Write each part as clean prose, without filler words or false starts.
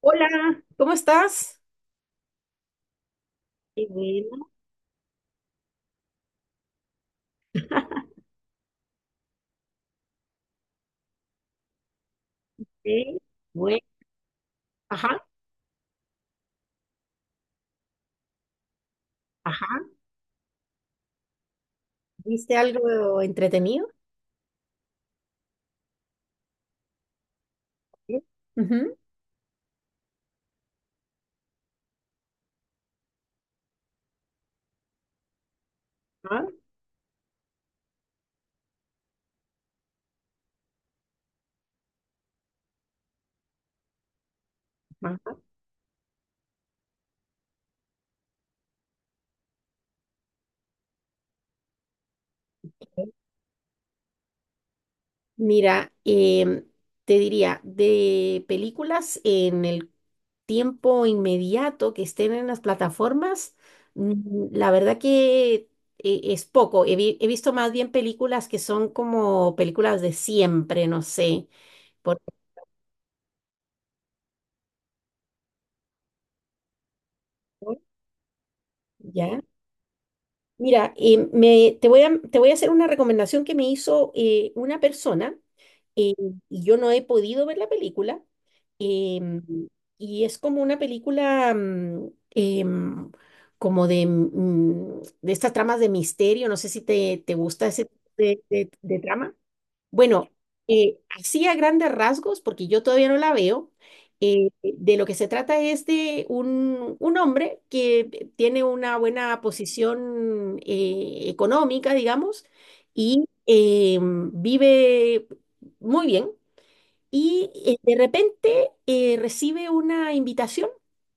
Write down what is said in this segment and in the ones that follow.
Hola, ¿cómo estás? Qué bueno, ¿eh? Bueno, ajá, ajá, ¿viste algo entretenido? ¿Eh? Ujú. Ajá, ajá, ¿eh? Mira, te diría, de películas en el tiempo inmediato que estén en las plataformas, la verdad que es poco. He visto más bien películas que son como películas de siempre, no sé. Por ejemplo, ¿ya? Mira, te voy a hacer una recomendación que me hizo una persona, eh, y yo no he podido ver la película. em, y es como una película como de, de estas tramas de misterio. No sé si te gusta ese tipo de trama. Bueno, así a grandes rasgos, porque yo todavía no la veo, de lo que se trata es de un hombre que tiene una buena posición económica, digamos, y vive muy bien, y de repente recibe una invitación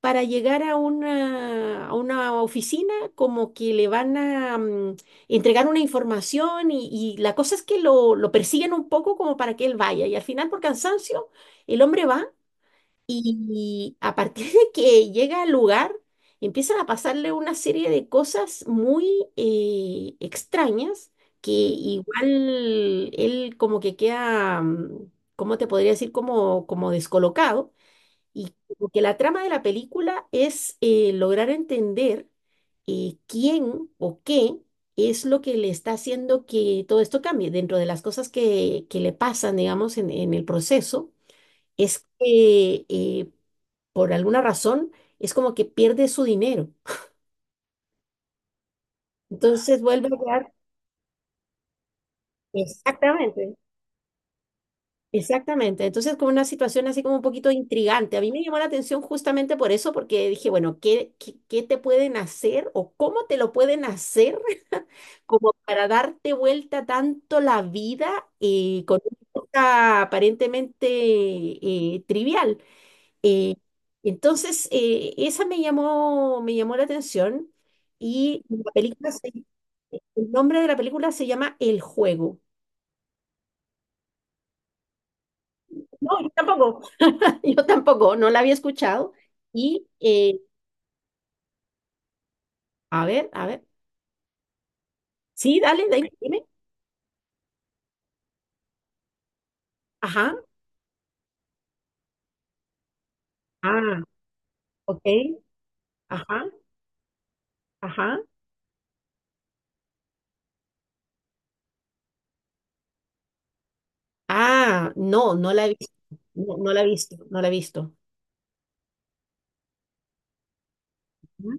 para llegar a a una oficina como que le van a entregar una información y la cosa es que lo persiguen un poco como para que él vaya y al final por cansancio el hombre va y a partir de que llega al lugar, empiezan a pasarle una serie de cosas muy extrañas que igual él como que queda, ¿cómo te podría decir? Como descolocado. Y como que la trama de la película es lograr entender quién o qué es lo que le está haciendo que todo esto cambie dentro de las cosas que le pasan, digamos, en el proceso es que por alguna razón es como que pierde su dinero. Entonces vuelve a quedar. Exactamente. Exactamente. Entonces, como una situación así como un poquito intrigante. A mí me llamó la atención justamente por eso, porque dije, bueno, ¿qué te pueden hacer o cómo te lo pueden hacer como para darte vuelta tanto la vida con una cosa aparentemente trivial? Eh, entonces, esa me llamó la atención y el nombre de la película se llama El Juego. No, yo tampoco, yo tampoco, no la había escuchado. Y, a ver, sí, dale, dime, dime. Ajá, ah, ok, ajá, ajá. Ah, no, no la he visto, no, no la he visto, no la he visto. Ujú.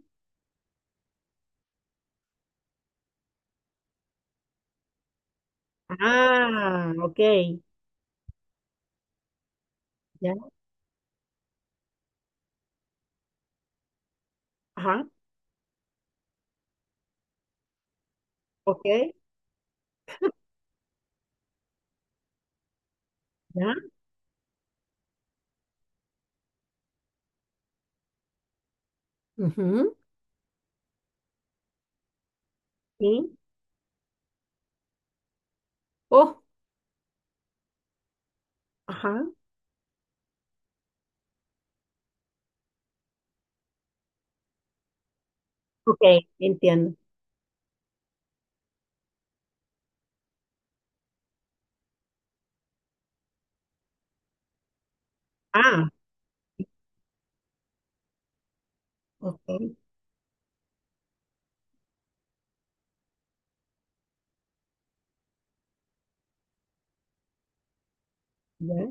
Ah, ok, ya, ajá, ok, ya, ujú, sí. Oh. Ajá. Ok, entiendo. Ah, ok, ya.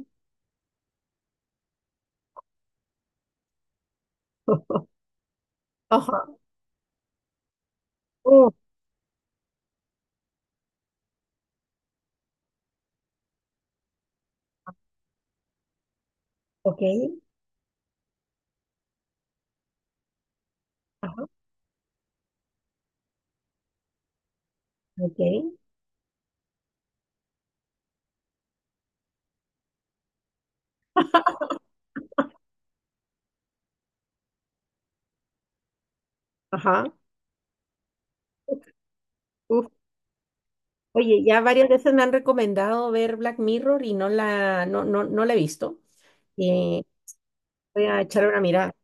Ajá. Uh, ok, ajá, ok, ajá. Uf. Oye, ya varias veces me han recomendado ver Black Mirror y no la he visto. Eh, Voy a echarle una mirada.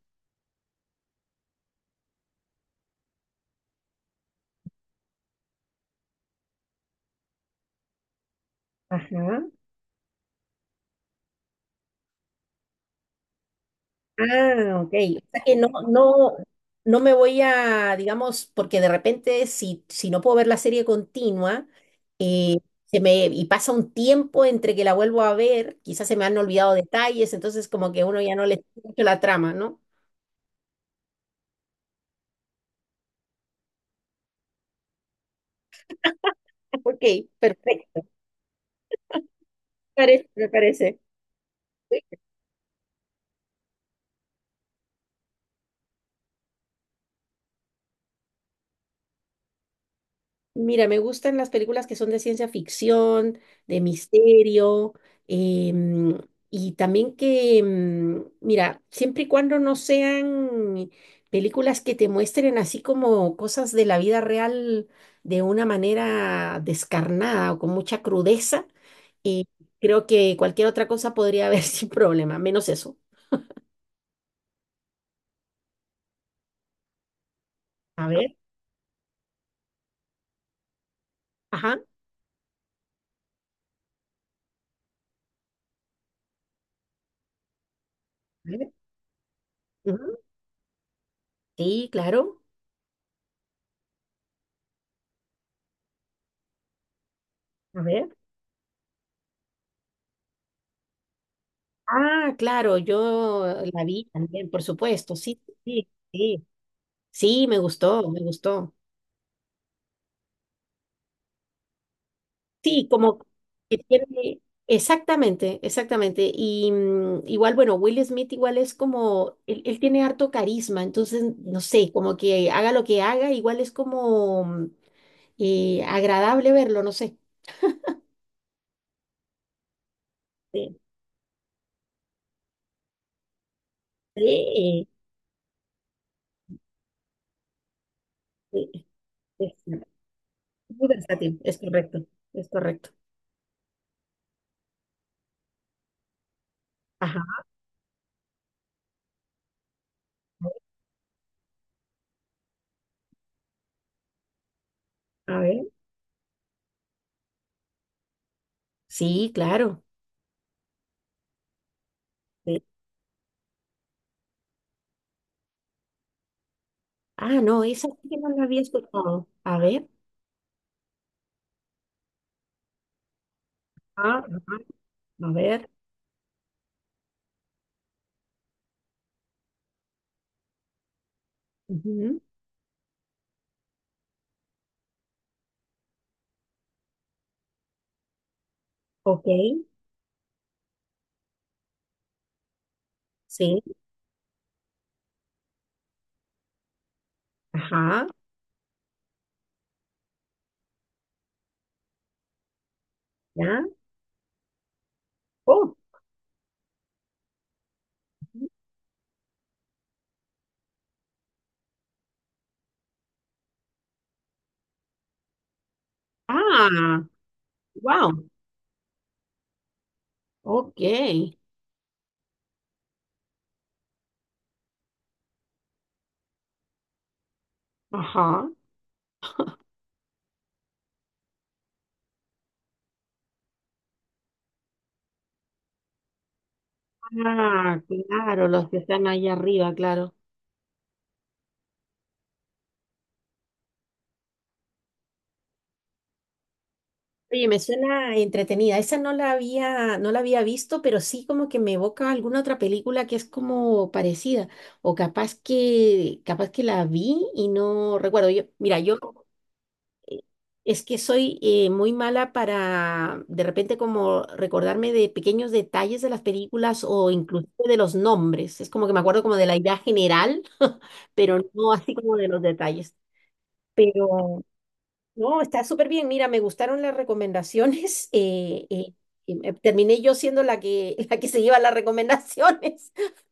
Ajá. Ah, ok. O sea que no, No, no me voy a, digamos, porque de repente si no puedo ver la serie continua, eh, se me, y pasa un tiempo entre que la vuelvo a ver, quizás se me han olvidado detalles, entonces como que uno ya no le escucha mucho la trama, ¿no? Ok, perfecto. Me Me parece. Mira, me gustan las películas que son de ciencia ficción, de misterio, em, y también mira, siempre y cuando no sean películas que te muestren así como cosas de la vida real de una manera descarnada o con mucha crudeza, eh, creo que cualquier otra cosa podría haber sin problema, menos eso. A ver, ajá. A ver, ujú, sí, claro. A ver. Ah, claro, yo la vi también, por supuesto, sí, sí, sí, sí, me gustó, me gustó. Sí, como que tiene, exactamente, exactamente. Y igual, bueno, Will Smith igual es como, él tiene harto carisma, entonces, no sé, como que haga lo que haga, igual es como agradable verlo, no sé. Sí, sí, sí, es muy versátil, es correcto, es correcto. Ajá, a ver. Sí, claro. Sí. Ah, no, esa sí que no la había escuchado. A ver, ah, ajá, a ver. Ujú, ok, sí, ajá, ya. Oh, ah, wow, ok, ajá. Ah, claro, los que están ahí arriba, claro. Oye, me suena entretenida. Esa no la había visto, pero sí como que me evoca alguna otra película que es como parecida. O capaz que la vi y no recuerdo. Yo, mira, yo es que soy muy mala para de repente como recordarme de pequeños detalles de las películas o inclusive de los nombres. Es como que me acuerdo como de la idea general, pero no así como de los detalles. Pero no, está súper bien. Mira, me gustaron las recomendaciones. Y terminé yo siendo la que, la que se lleva las recomendaciones.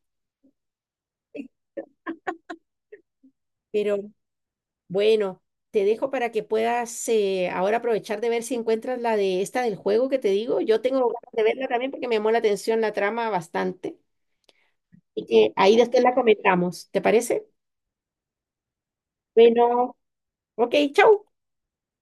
Pero bueno, te dejo para que puedas ahora aprovechar de ver si encuentras la de esta del juego que te digo. Yo tengo ganas de verla también porque me llamó la atención la trama bastante. Y que ahí después la comentamos. ¿Te parece? Bueno, ok, chau.